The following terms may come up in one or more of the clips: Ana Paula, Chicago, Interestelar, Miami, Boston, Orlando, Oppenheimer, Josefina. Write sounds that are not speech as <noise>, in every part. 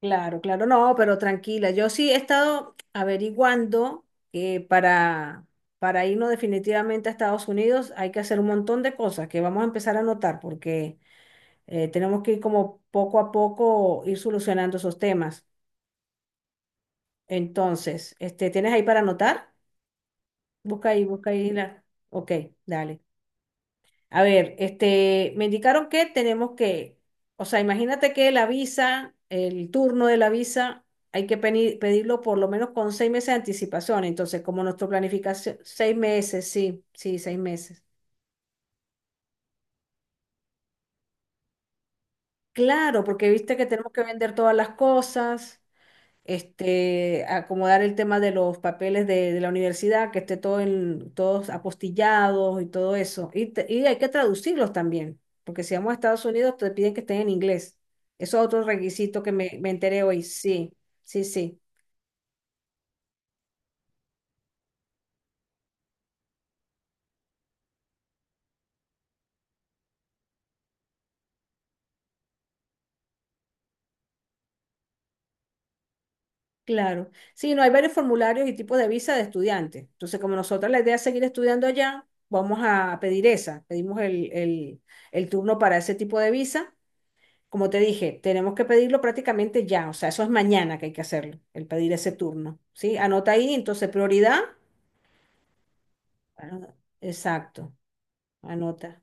Claro, claro, no, pero tranquila. Yo sí he estado averiguando que para irnos definitivamente a Estados Unidos hay que hacer un montón de cosas que vamos a empezar a notar porque tenemos que ir como poco a poco ir solucionando esos temas. Entonces, este, ¿tienes ahí para anotar? Busca ahí la. Ok, dale. A ver, este, me indicaron que tenemos que, o sea, imagínate que la visa, el turno de la visa, hay que pedirlo por lo menos con seis meses de anticipación. Entonces, como nuestra planificación, seis meses, sí, sí, seis meses. Claro, porque viste que tenemos que vender todas las cosas. Este, acomodar el tema de los papeles de la universidad, que esté todo en, todos apostillados y todo eso. Y hay que traducirlos también, porque si vamos a Estados Unidos te piden que estén en inglés. Eso es otro requisito que me enteré hoy. Sí, sí, sí. Claro. Sí, no hay varios formularios y tipos de visa de estudiante. Entonces, como nosotros la idea es seguir estudiando allá, vamos a pedir esa. Pedimos el turno para ese tipo de visa. Como te dije, tenemos que pedirlo prácticamente ya, o sea, eso es mañana que hay que hacerlo, el pedir ese turno, ¿sí? Anota ahí, entonces prioridad. ah, Exacto, anota.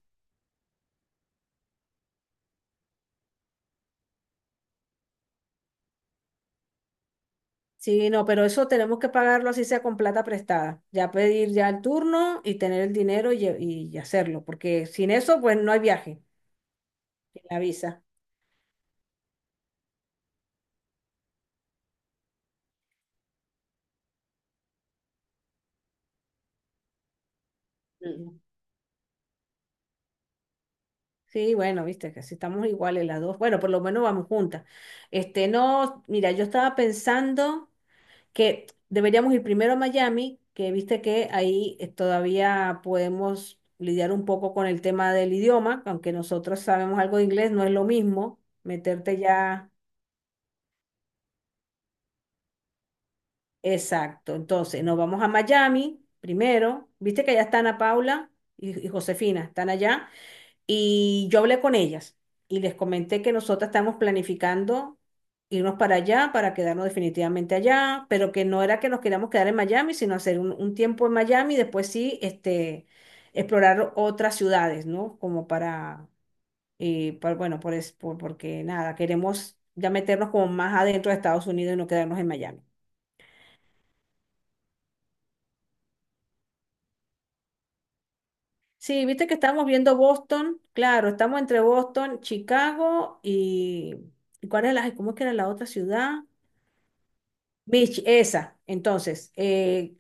Sí, no, pero eso tenemos que pagarlo así sea con plata prestada. Ya pedir ya el turno y tener el dinero y hacerlo, porque sin eso, pues no hay viaje, sin la visa. Mm. Sí, bueno, viste que si estamos iguales las dos, bueno, por lo menos vamos juntas. Este, no, mira, yo estaba pensando que deberíamos ir primero a Miami, que viste que ahí todavía podemos lidiar un poco con el tema del idioma, aunque nosotros sabemos algo de inglés, no es lo mismo meterte ya. Exacto. Entonces, nos vamos a Miami primero. Viste que allá están Ana Paula y Josefina, están allá. Y yo hablé con ellas y les comenté que nosotras estamos planificando irnos para allá, para quedarnos definitivamente allá, pero que no era que nos queríamos quedar en Miami, sino hacer un tiempo en Miami y después sí, este, explorar otras ciudades, ¿no? Como para, y bueno, porque nada, queremos ya meternos como más adentro de Estados Unidos y no quedarnos en Miami. Sí, viste que estamos viendo Boston, claro, estamos entre Boston, Chicago y... ¿Cuál era la, ay, cómo es que era la otra ciudad? Beach, esa. Entonces,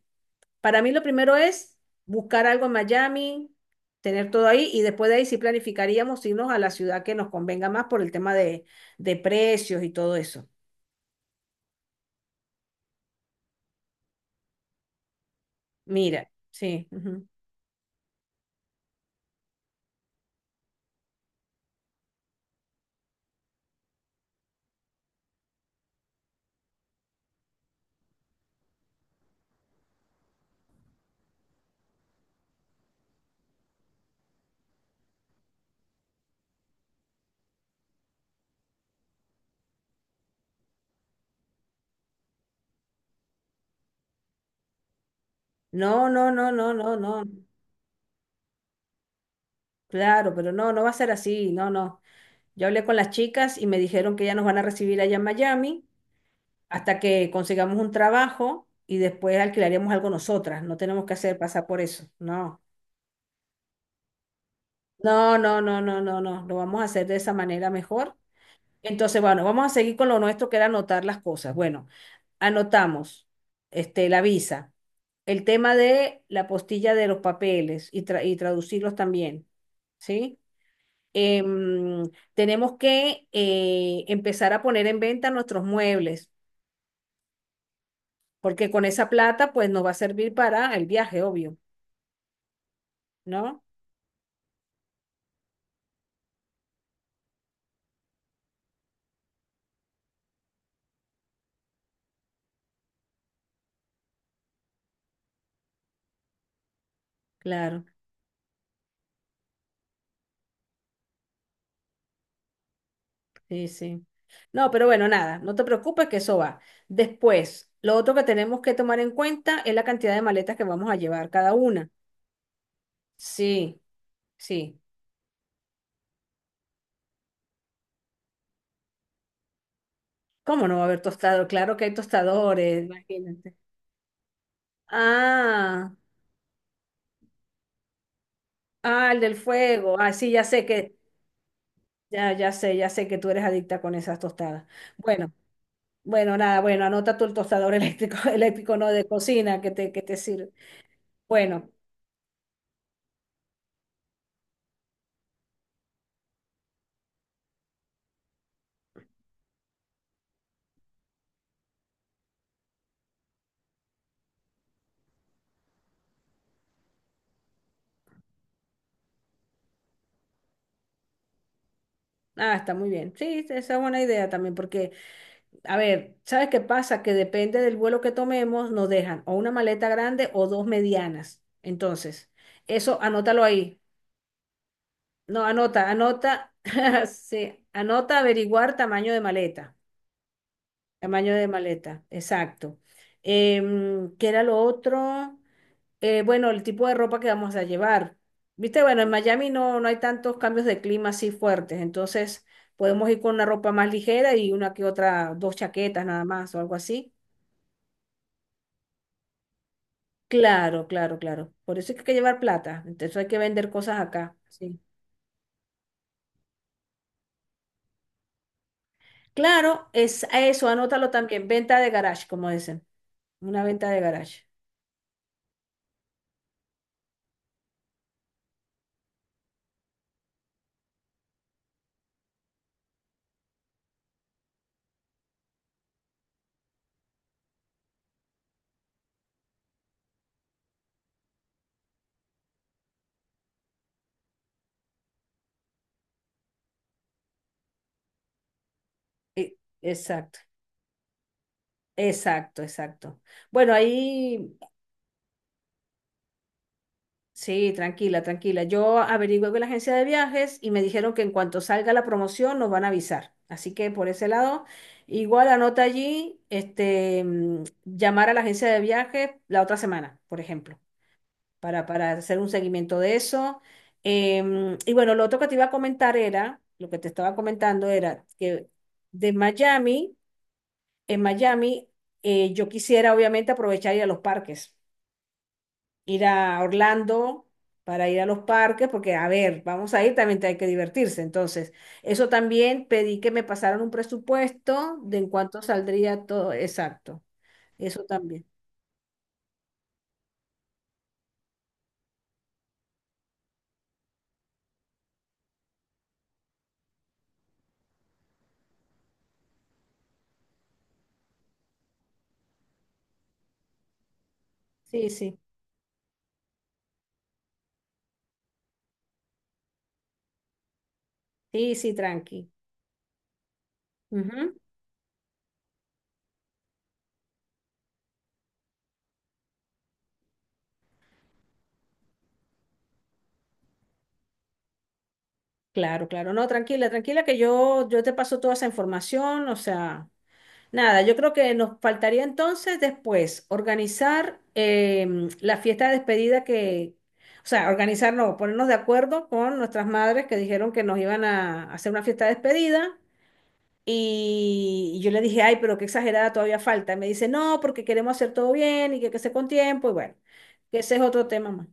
para mí lo primero es buscar algo en Miami, tener todo ahí y después de ahí sí planificaríamos irnos a la ciudad que nos convenga más por el tema de precios y todo eso. Mira, sí, ujú. No, no, no, no, no, no. Claro, pero no, no va a ser así. No, no. Yo hablé con las chicas y me dijeron que ya nos van a recibir allá en Miami hasta que consigamos un trabajo y después alquilaríamos algo nosotras. No tenemos que hacer pasar por eso. No. No, no, no, no, no, no, lo vamos a hacer de esa manera mejor. Entonces, bueno, vamos a seguir con lo nuestro que era anotar las cosas. Bueno, anotamos este, la visa, el tema de la postilla de los papeles y, y traducirlos también, ¿sí? Em, Tenemos que empezar a poner en venta nuestros muebles, porque con esa plata, pues nos va a servir para el viaje, obvio, ¿no? Claro. Sí, sí. No, pero bueno, nada, no te preocupes que eso va. Después, lo otro que tenemos que tomar en cuenta es la cantidad de maletas que vamos a llevar cada una. Sí, sí. ¿Cómo no va a haber tostador? Claro que hay tostadores, imagínate. Ah, ah, el del fuego. Ah, sí, ya sé que, ya, ya sé que tú eres adicta con esas tostadas. Bueno, bueno, nada, bueno, anota tú el tostador eléctrico, <laughs> eléctrico no de cocina que te sirve. Bueno, ah, está muy bien. Sí, esa es buena idea también, porque a ver, ¿sabes qué pasa? Que depende del vuelo que tomemos, nos dejan o una maleta grande o dos medianas. Entonces, eso anótalo ahí. No, anota, <laughs> sí, anota averiguar tamaño de maleta. Tamaño de maleta, exacto. ¿Qué era lo otro? Bueno, el tipo de ropa que vamos a llevar. Viste, bueno, en Miami no hay tantos cambios de clima así fuertes, entonces podemos ir con una ropa más ligera y una que otra, dos chaquetas nada más o algo así. Claro, claro, claro. Por eso es que hay que llevar plata. Entonces hay que vender cosas acá. Sí. Claro, es eso, anótalo también. Venta de garage, como dicen. Una venta de garage. E- Exacto, exacto, exacto. Bueno, ahí sí, tranquila, tranquila. Yo averigué con la agencia de viajes y me dijeron que en cuanto salga la promoción nos van a avisar. Así que por ese lado, igual anota allí, este, mm, llamar a la agencia de viajes la otra semana, por ejemplo. Para hacer un seguimiento de eso. Em, y bueno, lo otro que te iba a comentar era, lo que te estaba comentando era que de Miami, en Miami, yo quisiera obviamente aprovechar ir a los parques, ir a Orlando para ir a los parques, porque a ver, vamos a ir, también te hay que divertirse. Entonces, eso también pedí que me pasaran un presupuesto de en cuánto saldría todo, exacto, eso también. Sí, sí, sí, sí, tranqui. Ujú. Claro, claro. No, tranquila, tranquila, que yo te paso toda esa información. O sea, nada, yo creo que nos faltaría entonces después organizar em, la fiesta de despedida que, o sea, organizar, no, ponernos de acuerdo con nuestras madres que dijeron que nos iban a hacer una fiesta de despedida. Y yo le dije, ay, pero qué exagerada todavía falta. Y me dice, no, porque queremos hacer todo bien que sea con tiempo. Y bueno, que ese es otro tema más.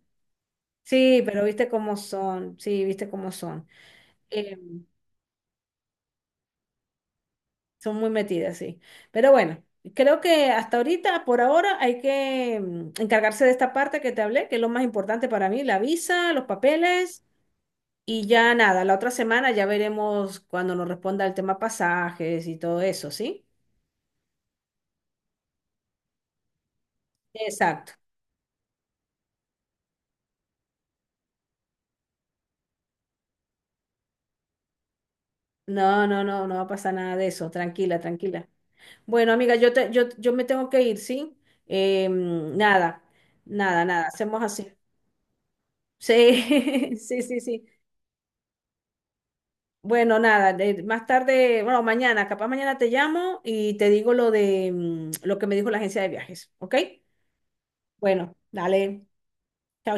Sí, pero viste cómo son, sí, viste cómo son. Em, son muy metidas, sí. Pero bueno, creo que hasta ahorita, por ahora, hay que mm, encargarse de esta parte que te hablé, que es lo más importante para mí, la visa, los papeles y ya nada, la otra semana ya veremos cuando nos responda el tema pasajes y todo eso, ¿sí? Exacto. No, no, no, no va a pasar nada de eso, tranquila, tranquila. Bueno, amiga, yo me tengo que ir, ¿sí? Em, nada, hacemos así. Sí, <laughs> sí, sí, sí. Bueno, nada, más tarde, bueno, mañana, capaz mañana te llamo y te digo lo de mm, lo que me dijo la agencia de viajes, ¿ok? Bueno, dale. Chao.